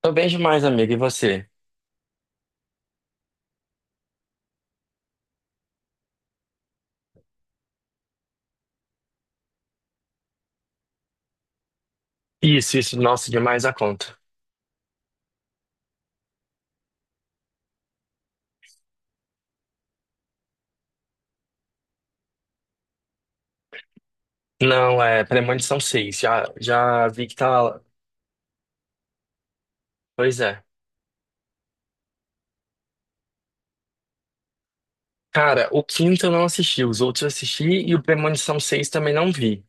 Tô bem demais, amigo. E você? Isso, nossa, demais a conta. Não, é Premonição seis. Já vi que tá. Pois é. Cara, o quinto eu não assisti, os outros eu assisti e o Premonição seis também não vi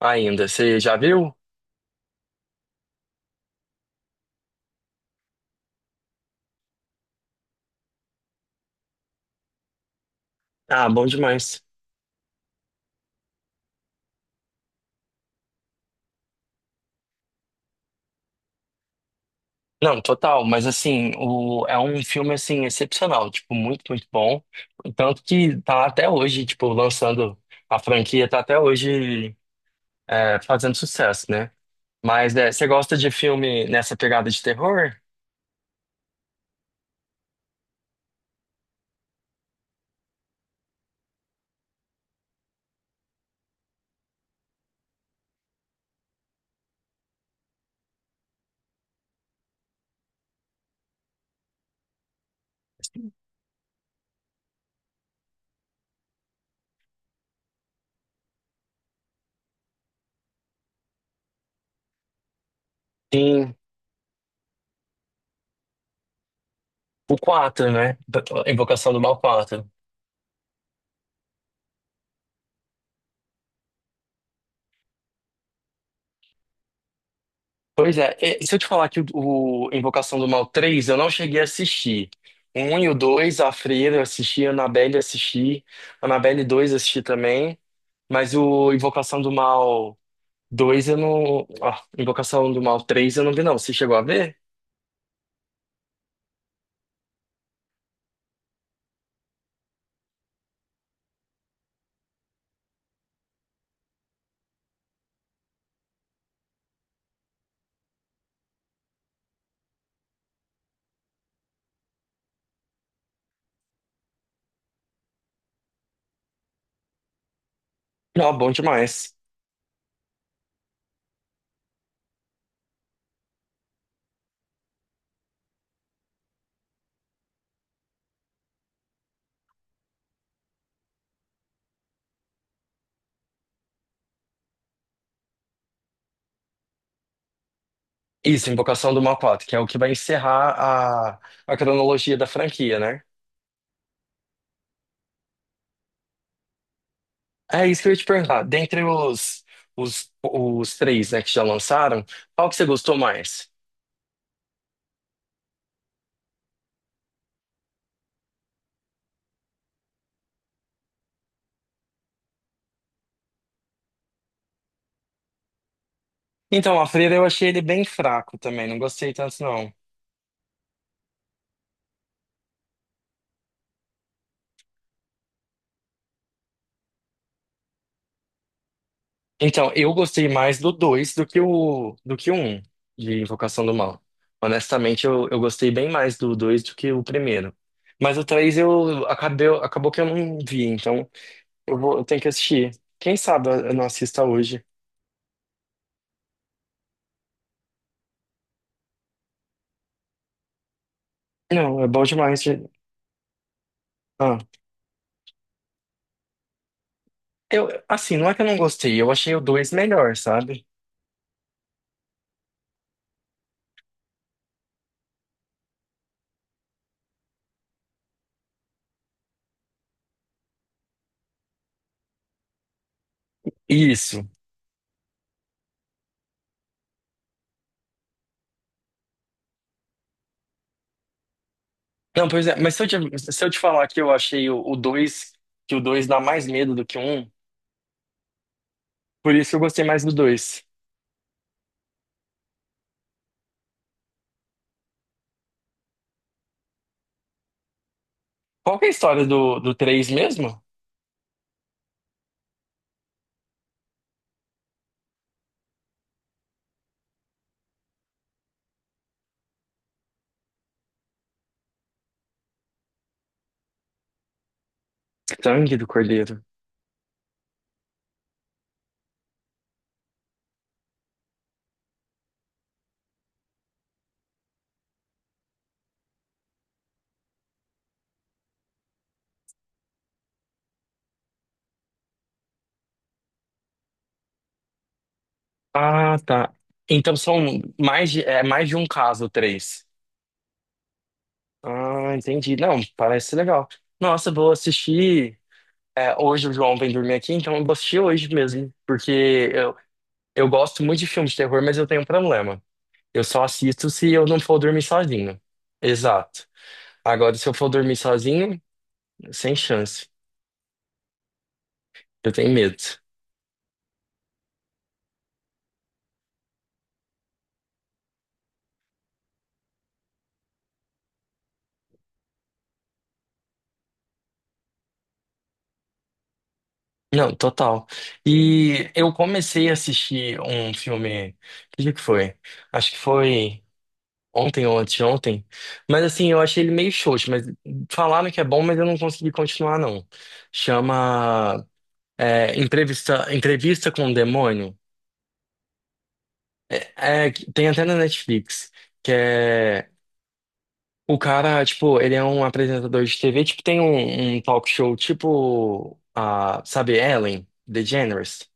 ainda. Você já viu? Ah, bom demais. Não, total, mas assim, é um filme assim excepcional, tipo, muito, muito bom. Tanto que tá até hoje, tipo, lançando a franquia, tá até hoje fazendo sucesso, né? Mas é, você gosta de filme nessa pegada de terror? Sim, o 4, né? Invocação do Mal Quatro. Pois é, e se eu te falar que o Invocação do Mal Três, eu não cheguei a assistir. O 1 e o 2, a Freira eu assisti, a Annabelle eu assisti, a Annabelle dois eu assisti também, mas o Invocação do Mal Dois eu não. Ó, Invocação do Mal Três eu não vi, não. Você chegou a ver? Não, bom demais. Isso, Invocação do Mal quatro, que é o que vai encerrar a cronologia da franquia, né? É isso que eu ia te perguntar. Dentre os três, né, que já lançaram, qual que você gostou mais? Então, a Freira eu achei ele bem fraco também, não gostei tanto não. Então, eu gostei mais do 2 do que o um, de Invocação do Mal. Honestamente, eu gostei bem mais do 2 do que o primeiro. Mas o 3 acabou que eu não vi, então eu tenho que assistir. Quem sabe eu não assista hoje. Não, é bom demais. Ah, eu, assim, não é que eu não gostei, eu achei o 2 melhor, sabe? Isso. Não, pois é, mas se eu te falar que eu achei o 2 que o 2 dá mais medo do que o 1, por isso eu gostei mais do dois. Qual que é a história do três mesmo? Sangue do Cordeiro. Ah, tá. Então são é mais de um caso, três. Ah, entendi. Não, parece legal. Nossa, eu vou assistir. Hoje o João vem dormir aqui, então eu vou assistir hoje mesmo. Porque eu gosto muito de filme de terror, mas eu tenho um problema. Eu só assisto se eu não for dormir sozinho. Exato. Agora, se eu for dormir sozinho, sem chance. Eu tenho medo. Não, total. E eu comecei a assistir um filme. Que dia que foi? Acho que foi ontem ou anteontem. Mas assim, eu achei ele meio xoxo. Mas falaram que é bom, mas eu não consegui continuar, não. Chama. Entrevista com o Demônio. É, é, tem até na Netflix, que é. O cara, tipo, ele é um apresentador de TV, tipo, tem um talk show, tipo, sabe, Ellen DeGeneres.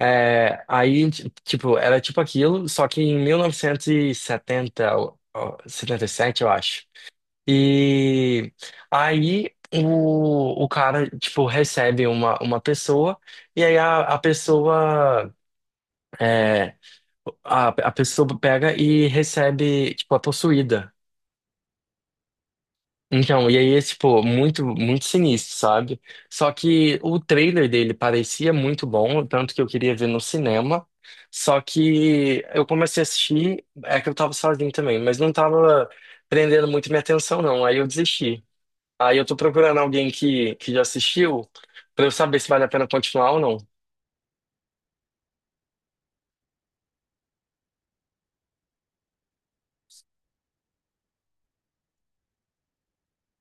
É, aí, tipo, era tipo aquilo, só que em 1970, ó, ó, 77 eu acho. E aí o cara, tipo, recebe uma pessoa, e aí a pessoa. é, a pessoa pega e recebe, tipo, a possuída. Então, e aí é, tipo, muito, muito sinistro, sabe? Só que o trailer dele parecia muito bom, tanto que eu queria ver no cinema. Só que eu comecei a assistir, é que eu tava sozinho também, mas não tava prendendo muito minha atenção, não. Aí eu desisti. Aí eu tô procurando alguém que já assistiu, pra eu saber se vale a pena continuar ou não.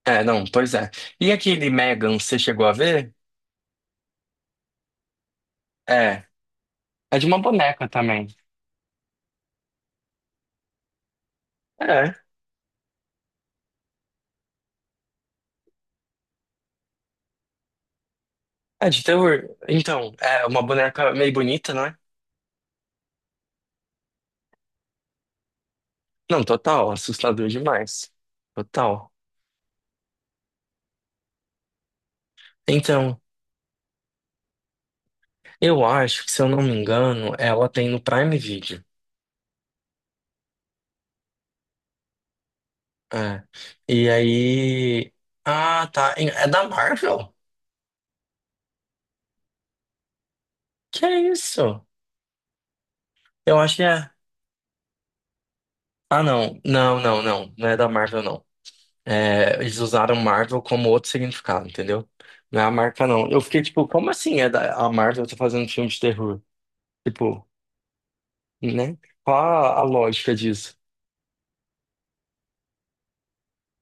É, não, pois é. E aquele Megan, você chegou a ver? É, é de uma boneca também. É, é de terror. Então, é uma boneca meio bonita, não é? Não, total, assustador demais. Total. Então, eu acho que, se eu não me engano, ela tem no Prime Video. É. E aí. Ah, tá. É da Marvel? Que é isso? Eu acho que é. Ah, não. Não, não, não. Não é da Marvel, não. É, eles usaram Marvel como outro significado, entendeu? Não é a marca, não. Eu fiquei tipo, como assim a Marvel tá fazendo filme de terror? Tipo. Né? Qual a lógica disso?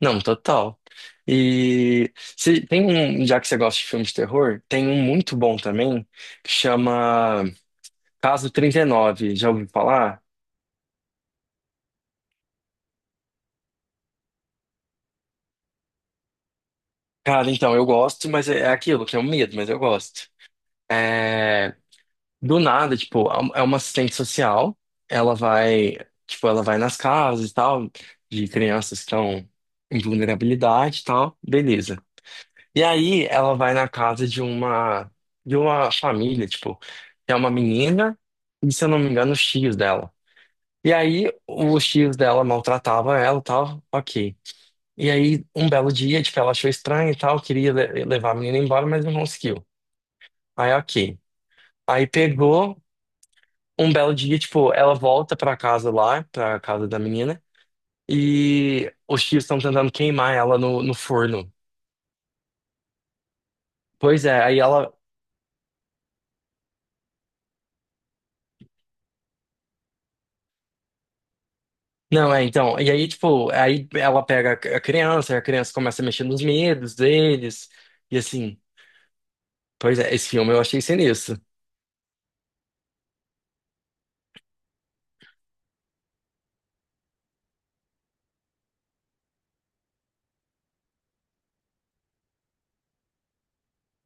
Não, total. E se, tem um, já que você gosta de filmes de terror, tem um muito bom também, que chama Caso 39. Já ouviu falar? Cara, então, eu gosto, mas é aquilo, que é um medo, mas eu gosto. É, do nada, tipo, é uma assistente social, ela vai, tipo, ela vai nas casas e tal, de crianças que estão em vulnerabilidade e tal, beleza. E aí ela vai na casa de uma família, tipo, é uma menina e, se eu não me engano, os tios dela. E aí os tios dela maltratavam ela e tal, ok. E aí um belo dia, tipo, ela achou estranho e tal, queria levar a menina embora, mas não conseguiu. Aí ok. Aí pegou um belo dia, tipo, ela volta pra casa lá, pra casa da menina, e os tios estão tentando queimar ela no forno. Pois é, aí ela. Não, é, então, e aí, tipo, aí ela pega a criança começa a mexer nos medos deles, e assim, pois é, esse filme eu achei sinistro.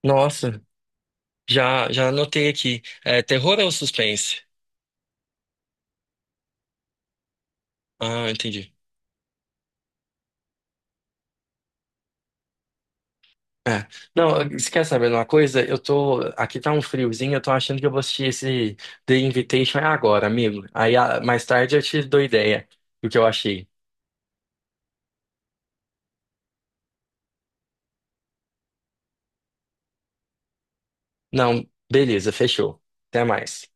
Nossa, já anotei aqui. É, terror ou suspense? Ah, entendi. É. Não, você quer saber de uma coisa? Aqui tá um friozinho, eu tô achando que eu vou assistir esse The Invitation agora, amigo. Aí, mais tarde eu te dou ideia do que eu achei. Não, beleza, fechou. Até mais.